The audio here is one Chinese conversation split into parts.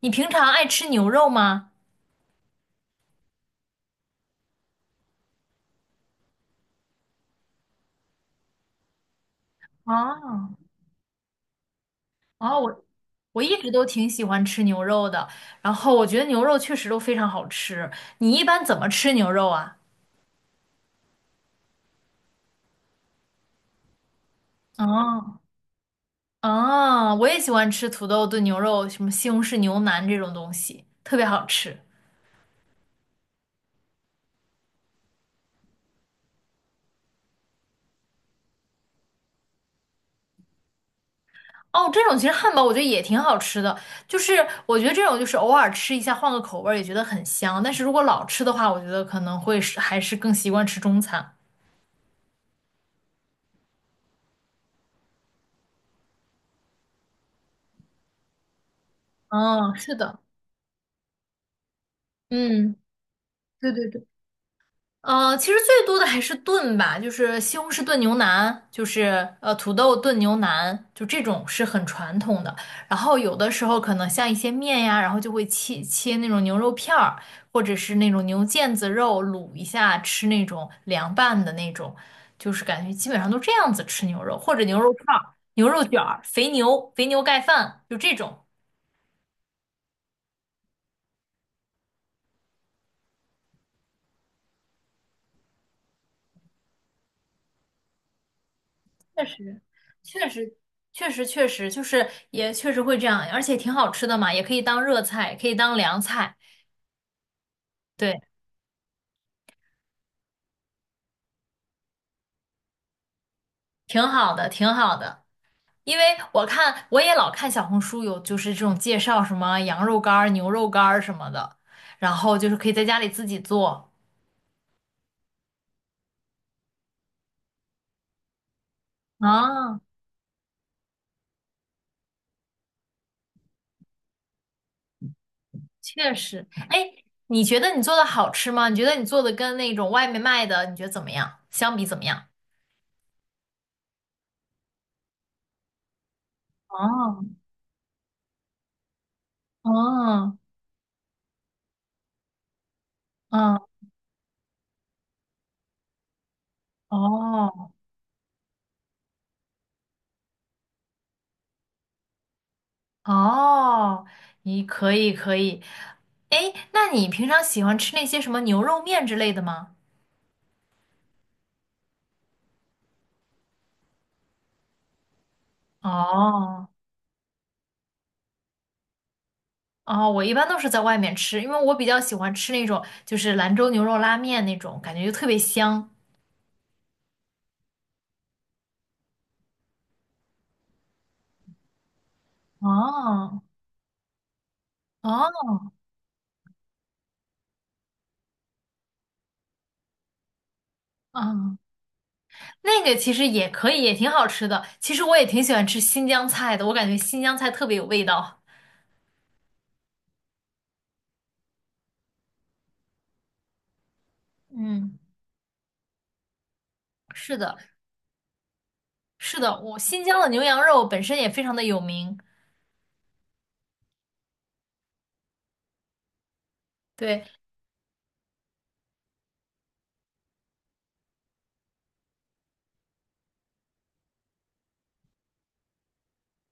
你平常爱吃牛肉吗？啊，啊,我一直都挺喜欢吃牛肉的，然后我觉得牛肉确实都非常好吃。你一般怎么吃牛肉啊？啊，啊,我也喜欢吃土豆炖牛肉，什么西红柿牛腩这种东西，特别好吃。哦，这种其实汉堡我觉得也挺好吃的，就是我觉得这种就是偶尔吃一下，换个口味儿也觉得很香。但是如果老吃的话，我觉得可能会是还是更习惯吃中餐。嗯，是的。嗯，对对对。其实最多的还是炖吧，就是西红柿炖牛腩，就是土豆炖牛腩，就这种是很传统的。然后有的时候可能像一些面呀，然后就会切那种牛肉片儿，或者是那种牛腱子肉卤一下吃那种凉拌的那种，就是感觉基本上都这样子吃牛肉，或者牛肉串儿、牛肉卷儿、肥牛、肥牛盖饭，就这种。确实，确实，确实，确实，就是也确实会这样，而且挺好吃的嘛，也可以当热菜，可以当凉菜。对，挺好的，挺好的。因为我看我也老看小红书有就是这种介绍什么羊肉干儿、牛肉干儿什么的，然后就是可以在家里自己做。啊，确实。哎，你觉得你做的好吃吗？你觉得你做的跟那种外面卖的，你觉得怎么样？相比怎么样？哦，哦，嗯，哦。哦，你可以可以。哎，那你平常喜欢吃那些什么牛肉面之类的吗？哦哦，我一般都是在外面吃，因为我比较喜欢吃那种就是兰州牛肉拉面那种，感觉就特别香。哦哦哦，那个其实也可以，也挺好吃的。其实我也挺喜欢吃新疆菜的，我感觉新疆菜特别有味道。嗯，是的，是的，我新疆的牛羊肉本身也非常的有名。对，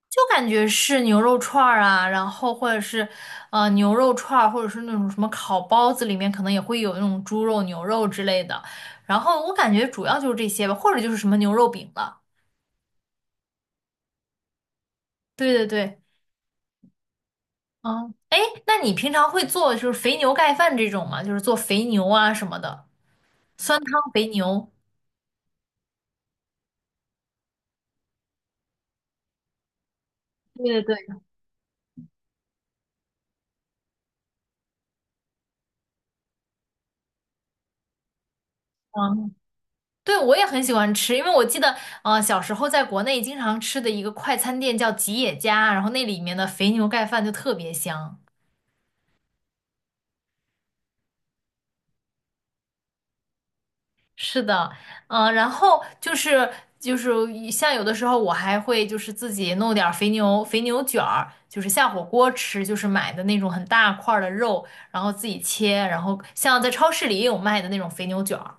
就感觉是牛肉串儿啊，然后或者是牛肉串儿，或者是那种什么烤包子，里面可能也会有那种猪肉、牛肉之类的。然后我感觉主要就是这些吧，或者就是什么牛肉饼了。对对对，嗯，哎，那你平常会做就是肥牛盖饭这种吗？就是做肥牛啊什么的，酸汤肥牛。对对对，嗯，对，我也很喜欢吃，因为我记得，小时候在国内经常吃的一个快餐店叫吉野家，然后那里面的肥牛盖饭就特别香。是的，嗯、然后就是就是一像有的时候我还会就是自己弄点儿肥牛卷儿，就是下火锅吃，就是买的那种很大块儿的肉，然后自己切，然后像在超市里也有卖的那种肥牛卷儿，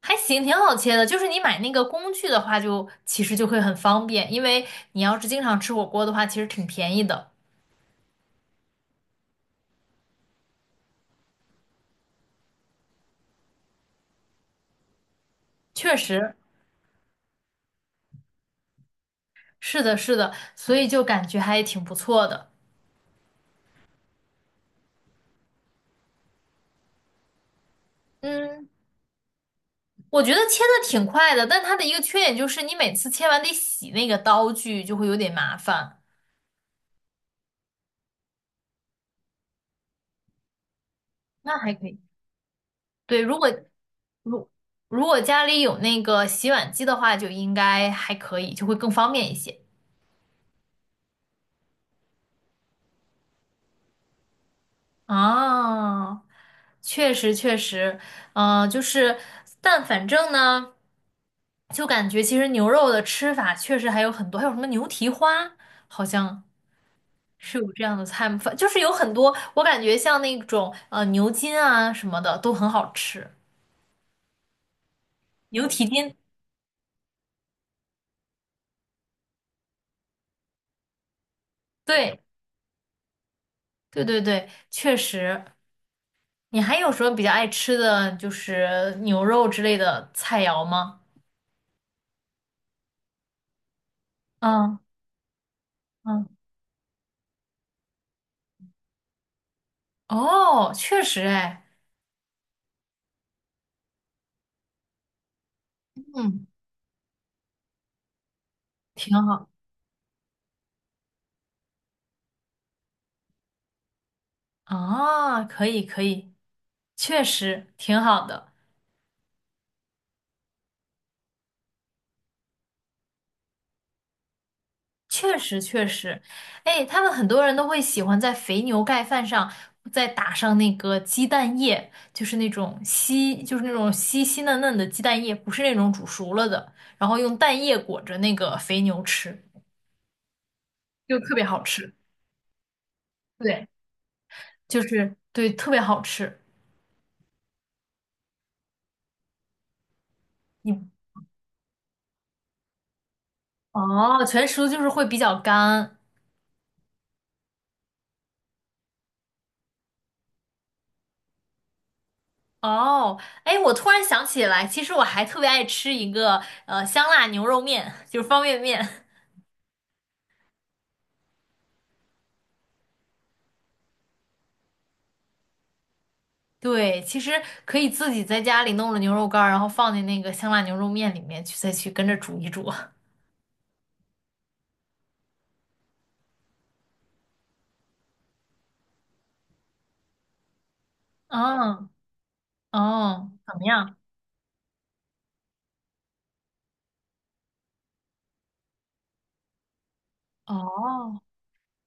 还行，挺好切的。就是你买那个工具的话就，其实就会很方便，因为你要是经常吃火锅的话，其实挺便宜的。确实，是的，是的，所以就感觉还挺不错的。嗯。我觉得切的挺快的，但它的一个缺点就是你每次切完得洗那个刀具，就会有点麻烦。那还可以。对，如如果家里有那个洗碗机的话，就应该还可以，就会更方便一些。啊，确实确实，嗯、就是，但反正呢，就感觉其实牛肉的吃法确实还有很多，还有什么牛蹄花，好像。是有这样的菜吗？反就是有很多，我感觉像那种牛筋啊什么的都很好吃，牛蹄筋，对对，确实。你还有什么比较爱吃的，就是牛肉之类的菜肴吗？嗯嗯，哦，确实哎，嗯，挺好。啊，可以可以，确实挺好的。确实确实，哎，他们很多人都会喜欢在肥牛盖饭上再打上那个鸡蛋液，就是那种稀，就是那种稀稀嫩嫩的鸡蛋液，不是那种煮熟了的，然后用蛋液裹着那个肥牛吃，就特别好吃。对，就是对，特别好吃。你哦，全熟就是会比较干。哦，哎，我突然想起来，其实我还特别爱吃一个香辣牛肉面，就是方便面。对，其实可以自己在家里弄了牛肉干儿，然后放进那个香辣牛肉面里面去，再去跟着煮一煮。嗯，哦，怎么样？哦，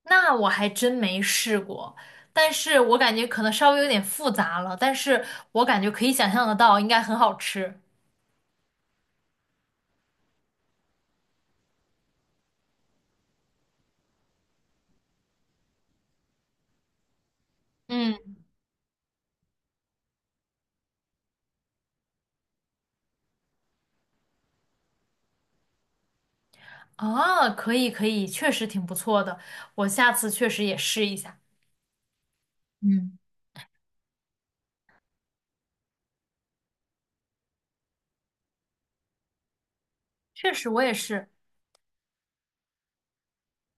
那我还真没试过，但是我感觉可能稍微有点复杂了，但是我感觉可以想象得到，应该很好吃。嗯，啊，可以可以，确实挺不错的，我下次确实也试一下。嗯，确实我也是，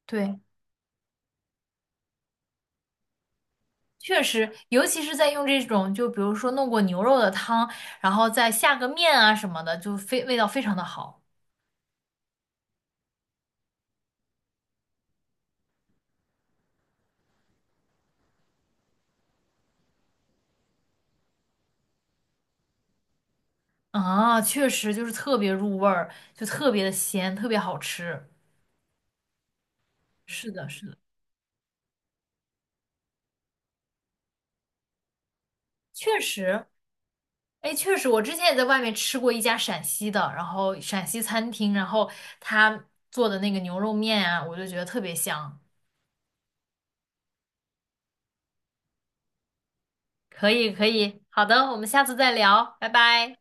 对。确实，尤其是在用这种，就比如说弄过牛肉的汤，然后再下个面啊什么的，就非味道非常的好。啊，确实就是特别入味儿，就特别的鲜，特别好吃。是的，是的，确实，哎，确实，我之前也在外面吃过一家陕西的，然后陕西餐厅，然后他做的那个牛肉面啊，我就觉得特别香。可以，可以，好的，我们下次再聊，拜拜。